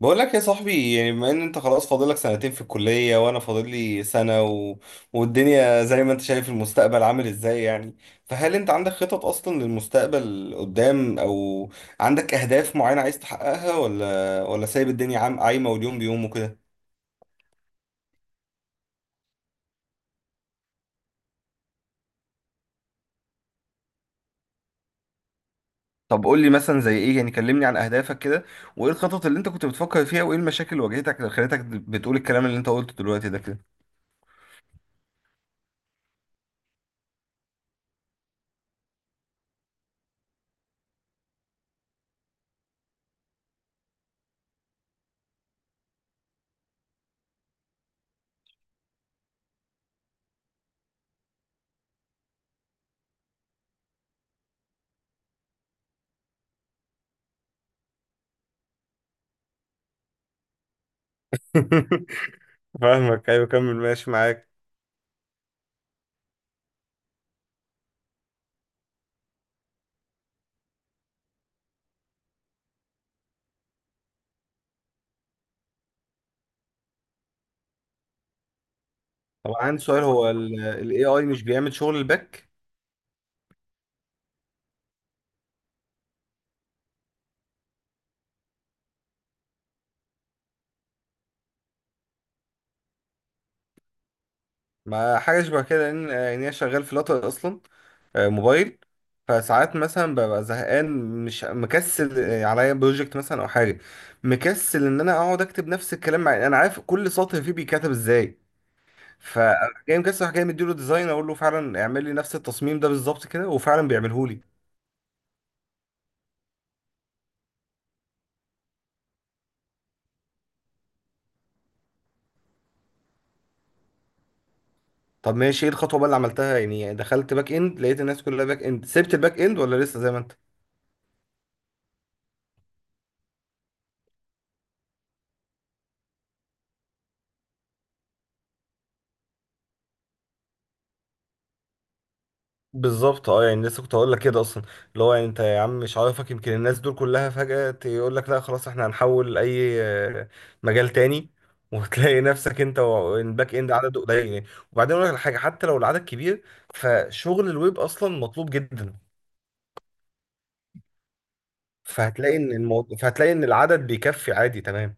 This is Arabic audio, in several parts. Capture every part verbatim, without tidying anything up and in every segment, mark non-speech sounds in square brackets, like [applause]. بقول لك يا صاحبي، يعني بما ان انت خلاص فاضلك سنتين في الكلية وانا فاضل لي سنة و... والدنيا زي ما انت شايف، المستقبل عامل ازاي يعني؟ فهل انت عندك خطط اصلا للمستقبل قدام، او عندك اهداف معينة عايز تحققها، ولا ولا سايب الدنيا عام عايمة، واليوم بيوم وكده. طب قول لي مثلا زي ايه يعني، كلمني عن اهدافك كده، وايه الخطط اللي انت كنت بتفكر فيها، وايه المشاكل اللي واجهتك اللي خلتك بتقول الكلام اللي انت قلته دلوقتي ده كده. [laughs] فاهمك، ايوه، كمل ماشي معاك. طب عندي سؤال، هو ال اي اي مش بيعمل شغل الباك؟ ما حاجة شبه كده، لأن يعني أنا شغال في لاتر أصلا، آه، موبايل. فساعات مثلا ببقى زهقان، مش مكسل، آه، عليا بروجكت مثلا أو حاجة، مكسل إن أنا أقعد أكتب نفس الكلام مع أنا عارف كل سطر فيه بيتكتب إزاي. فجاي مكسل أروح جاي مديله ديزاين، أقول له فعلا اعمل لي نفس التصميم ده بالظبط كده، وفعلا بيعمله لي. طب ماشي، إيه الخطوة بقى اللي عملتها؟ يعني دخلت باك إند، لقيت الناس كلها باك إند، سبت الباك إند ولا لسه زي ما أنت؟ بالظبط، اه يعني لسه كنت هقول لك كده اصلا، اللي هو يعني انت يا عم مش عارفك، يمكن الناس دول كلها فجأة يقول لك لا خلاص احنا هنحول اي آه، مجال تاني، وتلاقي [laughs] نفسك انت والباك اند عدد قليل يعني. وبعدين اقول لك الحاجه، حتى لو العدد كبير، فشغل الويب اصلا مطلوب جدا، فهتلاقي ان الموضوع فهتلاقي ان العدد بيكفي عادي تمام.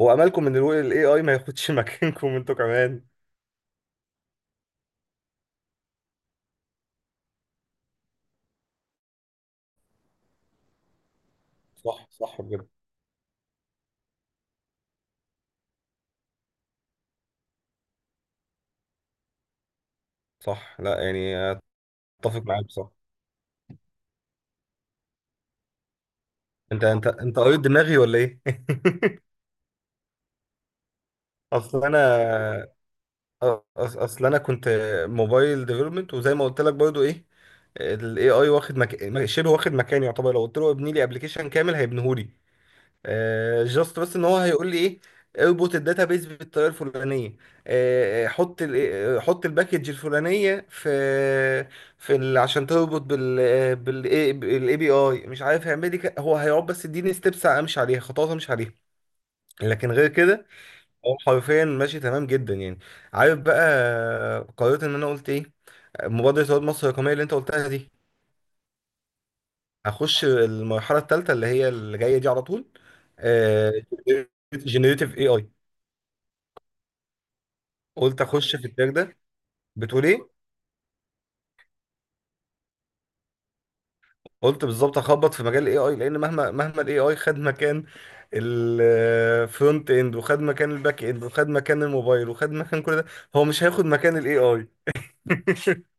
هو املكم ان الاي اي ما ياخدش [laughs] مكانكم انتوا كمان؟ صح صح بجد. صح، لا يعني اتفق معاك بصراحه. انت انت انت قريت دماغي ولا ايه؟ [laughs] اصل انا، أص- اصل انا كنت موبايل ديفلوبمنت، وزي ما قلت لك برضو ايه، الاي اي واخد مك... م- شبه واخد مكاني يعتبر. لو قلت له ابني لي ابلكيشن كامل هيبنيهولي. آه جاست بس ان هو هيقول لي ايه، اربط الداتا بيز بالطريقه الفلانيه، آه، حط ال آه، حط الباكج الفلانيه في في ال... عشان تربط بال آه، بال بالاي بي اي، مش عارف هيعمل لي ك- هو هيقعد بس يديني ستيبس امشي عليها، خطوات امشي عليها. لكن غير كده هو حرفيا ماشي تمام جدا يعني. عارف بقى قررت ان انا قلت ايه؟ مبادرة رواد مصر الرقمية اللي انت قلتها دي، هخش المرحلة الثالثة اللي هي اللي جاية دي على طول، جنريتيف اي اي. قلت اخش في التراك ده. بتقول ايه؟ قلت بالظبط اخبط في مجال الاي اي، لان مهما مهما الاي اي خد مكان الفرونت اند وخد مكان الباك اند وخد مكان الموبايل وخد مكان كل ده، هو مش هياخد مكان الاي اي. [laughs]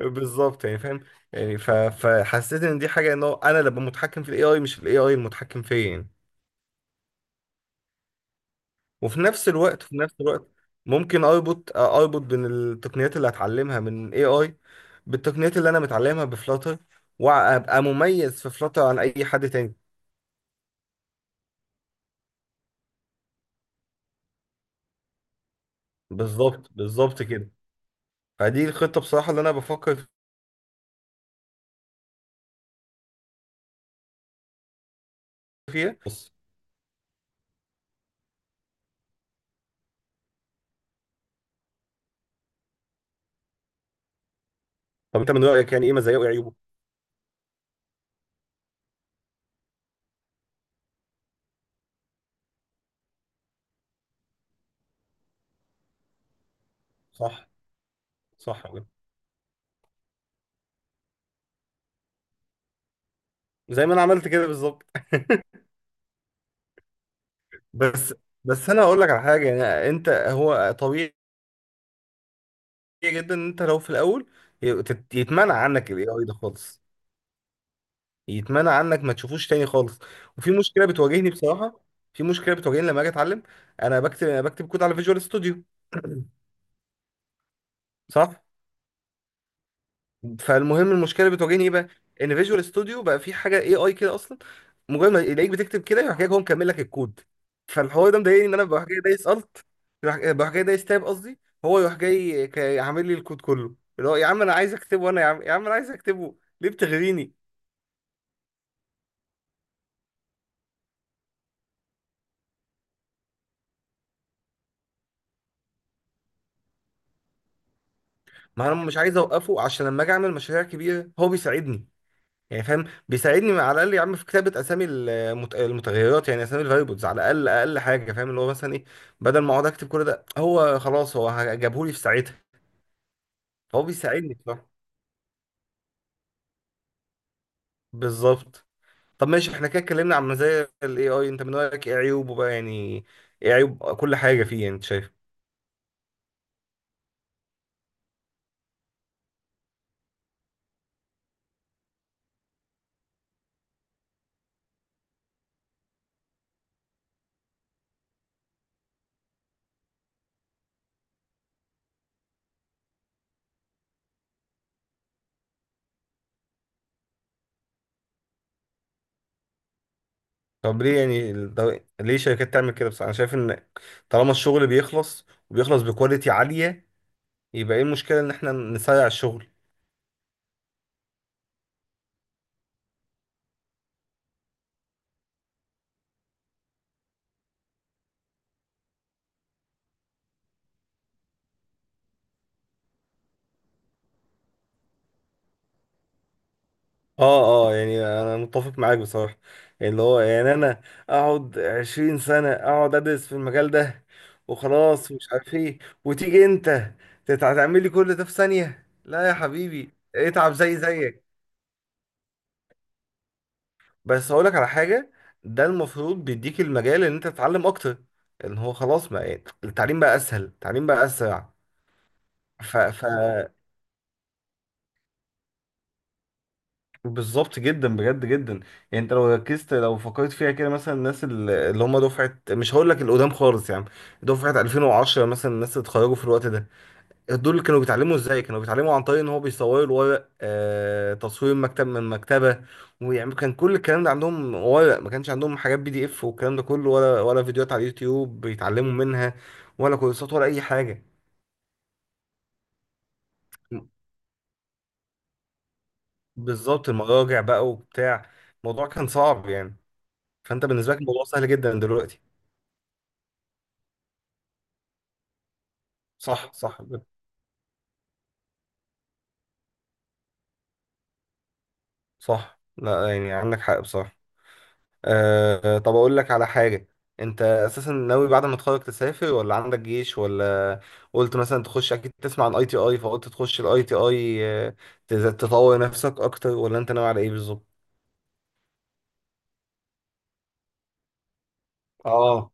بالظبط يعني فاهم. يعني ف... فحسيت ان دي حاجه، ان هو انا اللي ابقى متحكم في الاي اي، مش الاي اي المتحكم فيا يعني. وفي نفس الوقت في نفس الوقت ممكن اربط اربط بين التقنيات اللي هتعلمها من اي اي بالتقنيات اللي انا متعلمها بفلاتر، وابقى مميز في فلاتر عن اي حد تاني. بالظبط بالظبط كده. فدي الخطه بصراحه اللي انا بفكر فيها، بص. طب انت من رايك يعني ايه مزايا وعيوبه؟ صح صح أوي. زي ما انا عملت كده بالظبط. بس بس انا هقول لك على حاجه. يعني انت هو طبيعي جدا ان انت لو في الاول يت- يتمنع عنك الاي اي ده خالص، يتمنع عنك ما تشوفوش تاني خالص. وفي مشكله بتواجهني بصراحه، في مشكله بتواجهني لما اجي اتعلم. انا بكتب انا بكتب كود على فيجوال ستوديو، صح؟ فالمهم المشكله بتواجهني ايه بقى؟ ان فيجوال ستوديو بقى في حاجه اي اي كده اصلا، مجرد ما يلاقيك بتكتب كده يروح جاي هو مكمل لك الكود. فالحوار ده مضايقني، ان انا بروح جاي دايس الت بروح بروح جاي دايس تاب قصدي، هو يروح جاي ك- عامل لي الكود كله، اللي هو يا عم انا عايز اكتبه انا، يا عم يا عم انا عايز اكتبه، ليه بتغريني؟ ما انا مش عايز اوقفه، عشان لما اجي اعمل مشاريع كبيره هو بيساعدني، يعني فاهم. بيساعدني على الاقل يا عم في كتابه اسامي المت- المتغيرات، يعني اسامي الفاريبلز، على الاقل اقل حاجه فاهم اللي هو مثلا ايه. بدل ما اقعد اكتب كل ده، هو خلاص هو جابهولي في ساعتها. فهو بيساعدني بصراحه. بالظبط. طب ماشي احنا كده اتكلمنا عن مزايا الاي اي، انت من رايك ايه عيوبه بقى يعني؟ ايه عيوب كل حاجه فيه يعني انت شايف؟ طب ليه يعني ال- ده- ليه شركات تعمل كده؟ بس انا شايف ان طالما الشغل بيخلص وبيخلص بكواليتي عاليه، يبقى ايه المشكلة ان احنا نسرع الشغل؟ اه اه، يعني انا متفق معاك بصراحة. اللي هو يعني انا اقعد عشرين سنة اقعد ادرس في المجال ده وخلاص، ومش عارف ايه، وتيجي انت تت- هتعمل لي كل ده في ثانية؟ لا يا حبيبي اتعب زي زيك. بس هقولك على حاجة، ده المفروض بيديك المجال ان انت تتعلم اكتر، ان هو خلاص ما التعليم بقى اسهل، التعليم بقى اسرع. ف... ف... بالظبط جدا بجد جدا. يعني انت لو ركزت، لو فكرت فيها كده، مثلا الناس ال- اللي هم دفعه، مش هقول لك القدام خالص يا عم، دفعه الفين وعشرة مثلا، الناس اللي اتخرجوا في الوقت ده، دول كانوا بيتعلموا ازاي؟ كانوا بيتعلموا عن طريق ان هو بيصوروا الورق، آه تصوير مكتب من مكتبه. ويعني كان كل الكلام ده عندهم ورق، ما كانش عندهم حاجات بي دي اف والكلام ده كله، ولا ولا فيديوهات على اليوتيوب بيتعلموا منها، ولا كورسات ولا اي حاجه. بالظبط، المراجع بقى وبتاع، الموضوع كان صعب يعني. فانت بالنسبه لك الموضوع سهل جدا دلوقتي. صح صح بت- صح، لا يعني عندك حق بصراحة. أه طب أقول لك على حاجة، أنت أساسا ناوي بعد ما تتخرج تسافر ولا عندك جيش ولا؟ قلت مثلا تخش أكيد تسمع عن أي تي أي، فقلت تخش الأي تي أي تطور نفسك أكتر، ولا أنت ناوي على إيه بالظبط؟ آه،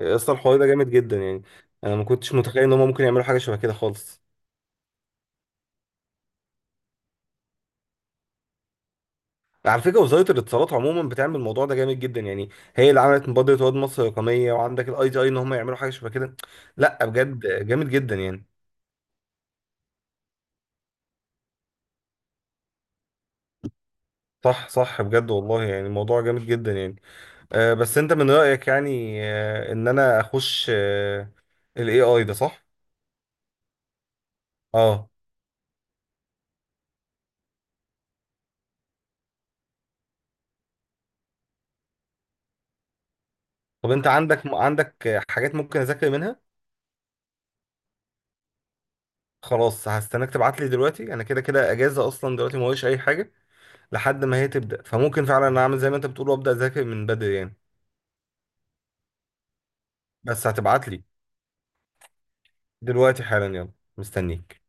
أصلا الحوار ده جامد جدا يعني، أنا ما كنتش متخيل إن هما ممكن يعملوا حاجة شبه كده خالص. على فكره، وزاره الاتصالات عموما بتعمل الموضوع ده جامد جدا يعني، هي اللي عملت مبادره واد مصر الرقميه، وعندك الاي تي اي ان هم يعملوا حاجه شبه كده. لا بجد جامد جدا يعني. صح صح بجد والله، يعني الموضوع جامد جدا يعني. أه بس انت من رايك يعني، أه ان انا اخش أه الاي اي ده صح؟ اه طب انت عندك عندك آه، حاجات ممكن اذاكر منها؟ خلاص هستناك تبعت لي دلوقتي، انا كده كده اجازه اصلا دلوقتي ما ورايش اي حاجه لحد ما هي تبدا، فممكن فعلا انا اعمل زي ما انت بتقول وابدا اذاكر من بدري يعني. بس هتبعت لي دلوقتي حالا، يلا. مستنيك.